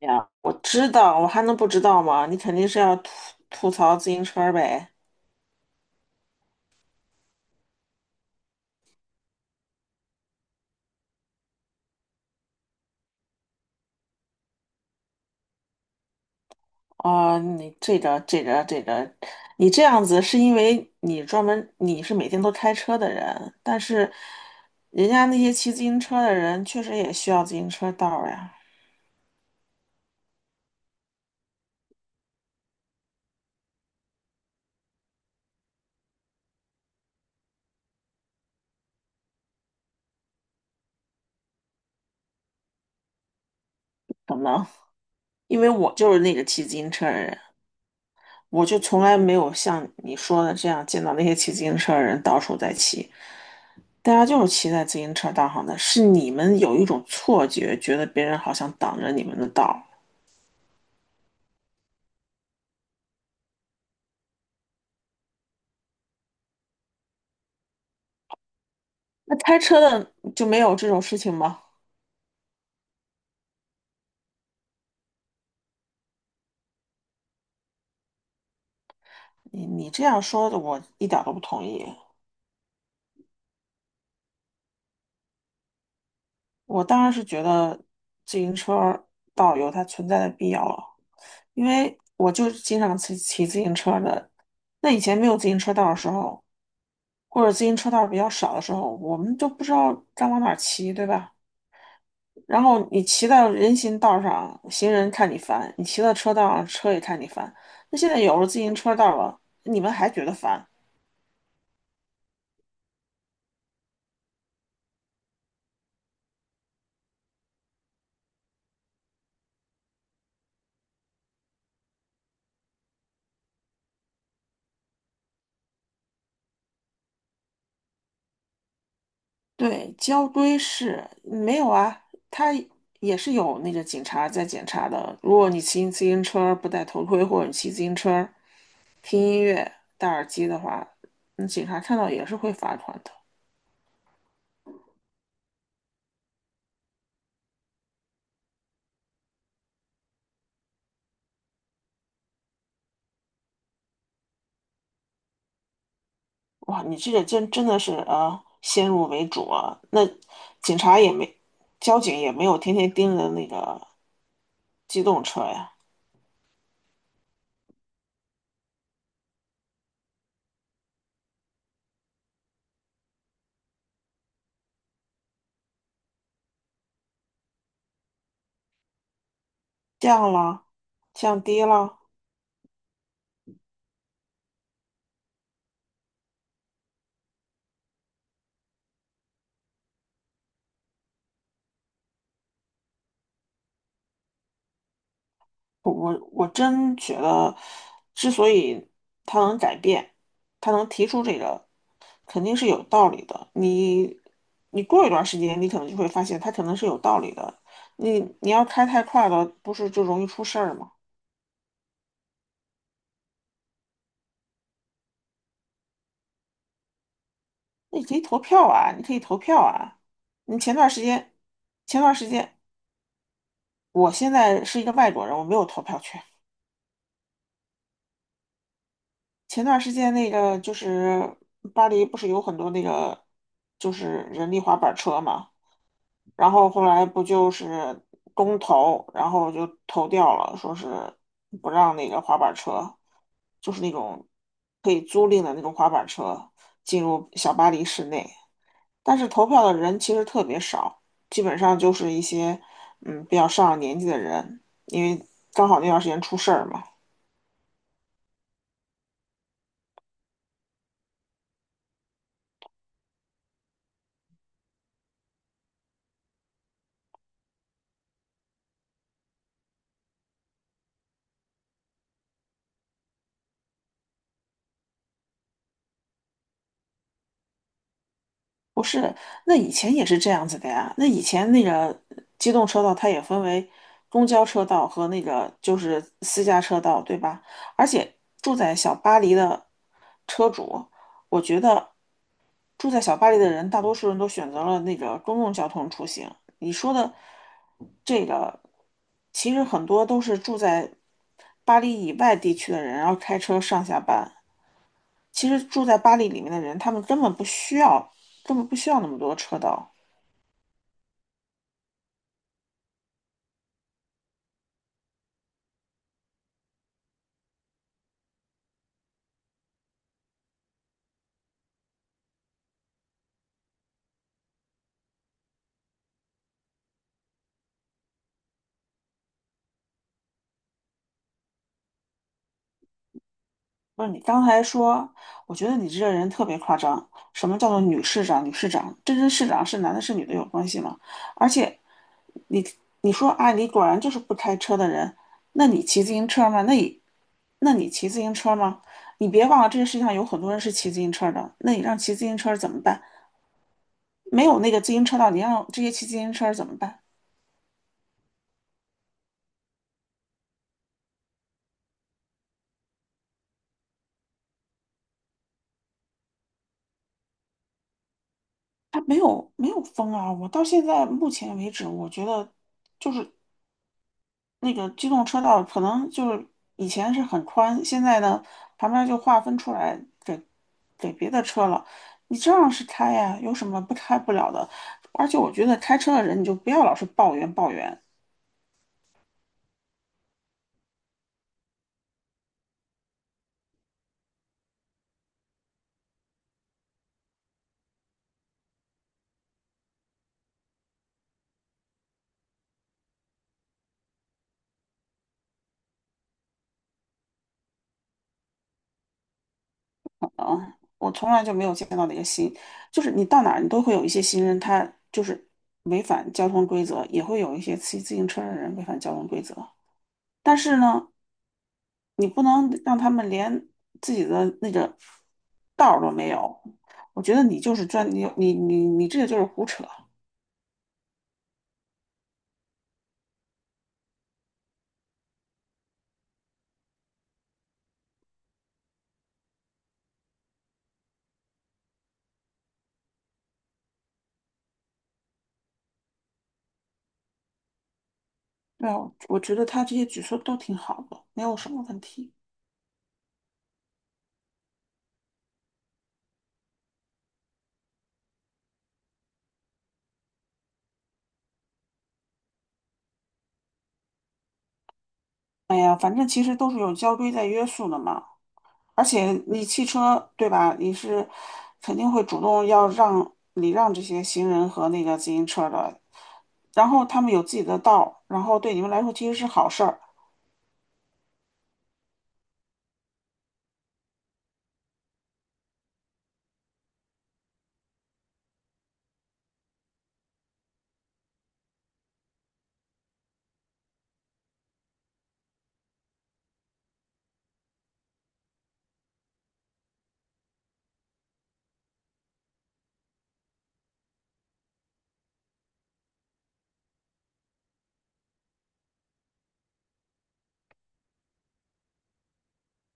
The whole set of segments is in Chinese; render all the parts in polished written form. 呀，我知道，我还能不知道吗？你肯定是要吐槽自行车儿呗。啊、你这个这个这个，你这样子是因为你专门你是每天都开车的人，但是人家那些骑自行车的人确实也需要自行车道儿呀。可能因为我就是那个骑自行车的人，我就从来没有像你说的这样见到那些骑自行车的人到处在骑。大家就是骑在自行车道上的，是你们有一种错觉，觉得别人好像挡着你们的道。那开车的就没有这种事情吗？你这样说的，我一点都不同意。我当然是觉得自行车道有它存在的必要了，因为我就是经常骑自行车的。那以前没有自行车道的时候，或者自行车道比较少的时候，我们就不知道该往哪儿骑，对吧？然后你骑到人行道上，行人看你烦；你骑到车道上，车也看你烦。那现在有了自行车道了，你们还觉得烦？对，交规是没有啊，他也是有那个警察在检查的。如果你骑自行车不戴头盔，或者你骑自行车听音乐、戴耳机的话，那警察看到也是会罚款的。哇，你这个真真的是啊，先入为主啊。那警察也没，交警也没有天天盯着那个机动车呀，降了，降低了。我真觉得，之所以他能改变，他能提出这个，肯定是有道理的。你过一段时间，你可能就会发现他可能是有道理的。你要开太快了，不是就容易出事儿吗？那你可以投票啊，你可以投票啊。你前段时间，前段时间，我现在是一个外国人，我没有投票权。前段时间那个就是巴黎不是有很多那个就是人力滑板车嘛，然后后来不就是公投，然后就投掉了，说是不让那个滑板车，就是那种可以租赁的那种滑板车进入小巴黎市内，但是投票的人其实特别少，基本上就是一些比较上了年纪的人，因为刚好那段时间出事儿嘛。不是，那以前也是这样子的呀。那以前那个机动车道，它也分为公交车道和那个就是私家车道，对吧？而且住在小巴黎的车主，我觉得住在小巴黎的人，大多数人都选择了那个公共交通出行。你说的这个，其实很多都是住在巴黎以外地区的人，然后开车上下班。其实住在巴黎里面的人，他们根本不需要，根本不需要那么多车道。不是你刚才说，我觉得你这个人特别夸张。什么叫做女市长？女市长，这跟市长是男的是女的有关系吗？而且你你说啊，你果然就是不开车的人，那你骑自行车吗？那你骑自行车吗？你别忘了这个世界上有很多人是骑自行车的，那你让骑自行车怎么办？没有那个自行车道，你让这些骑自行车怎么办？他没有风啊！我到现在目前为止，我觉得。就是。那个机动车道可能就是以前是很宽，现在呢旁边就划分出来给给别的车了。你照样是开呀，有什么不开不了的？而且我觉得开车的人你就不要老是抱怨。嗯，我从来就没有见到那个新，就是你到哪儿你都会有一些行人，他就是违反交通规则，也会有一些骑自行车的人违反交通规则。但是呢，你不能让他们连自己的那个道儿都没有。我觉得你就是专你这个就是胡扯。对啊，我觉得他这些举措都挺好的，没有什么问题。哎呀，反正其实都是有交规在约束的嘛。而且你汽车对吧？你是肯定会主动要让礼让这些行人和那个自行车的，然后他们有自己的道儿，然后对你们来说其实是好事儿。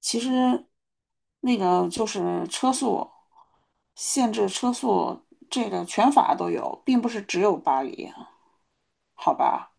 其实那个就是车速限制车速这个全法都有，并不是只有巴黎，好吧？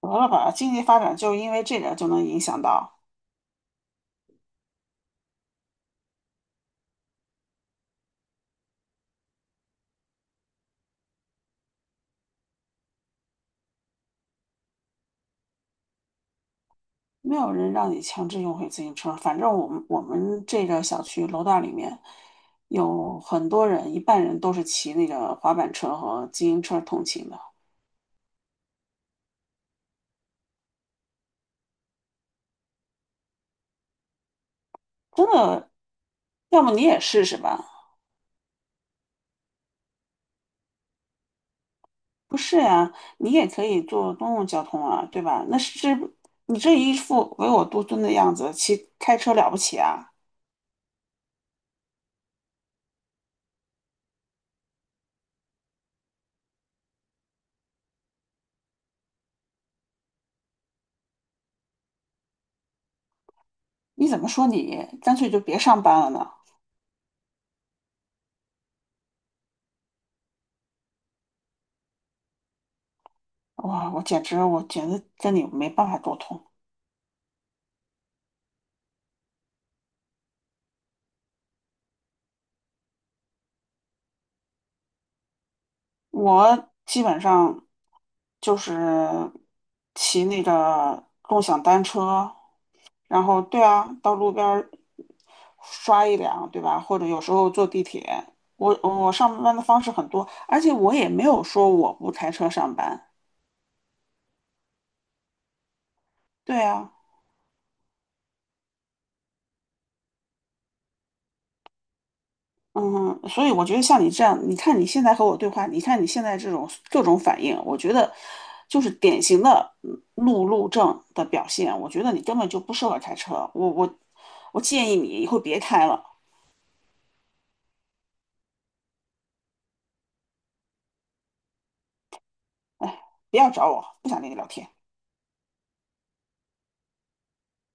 得了吧，经济发展就因为这点就能影响到，没有人让你强制用回自行车。反正我们这个小区楼道里面有很多人，一半人都是骑那个滑板车和自行车通勤的，真的。要么你也试试吧？不是呀，你也可以坐公共交通啊，对吧？那是你这一副唯我独尊的样子，骑开车了不起啊？你怎么说你干脆就别上班了呢？哇，我简直，我简直跟你没办法沟通。我基本上就是骑那个共享单车，然后对啊，到路边儿刷一辆，对吧？或者有时候坐地铁。我上班的方式很多，而且我也没有说我不开车上班。对啊。嗯，所以我觉得像你这样，你看你现在和我对话，你看你现在这种各种反应，我觉得就是典型的路怒症的表现。我觉得你根本就不适合开车，我我建议你以后别开了，不要找我，不想跟你聊天。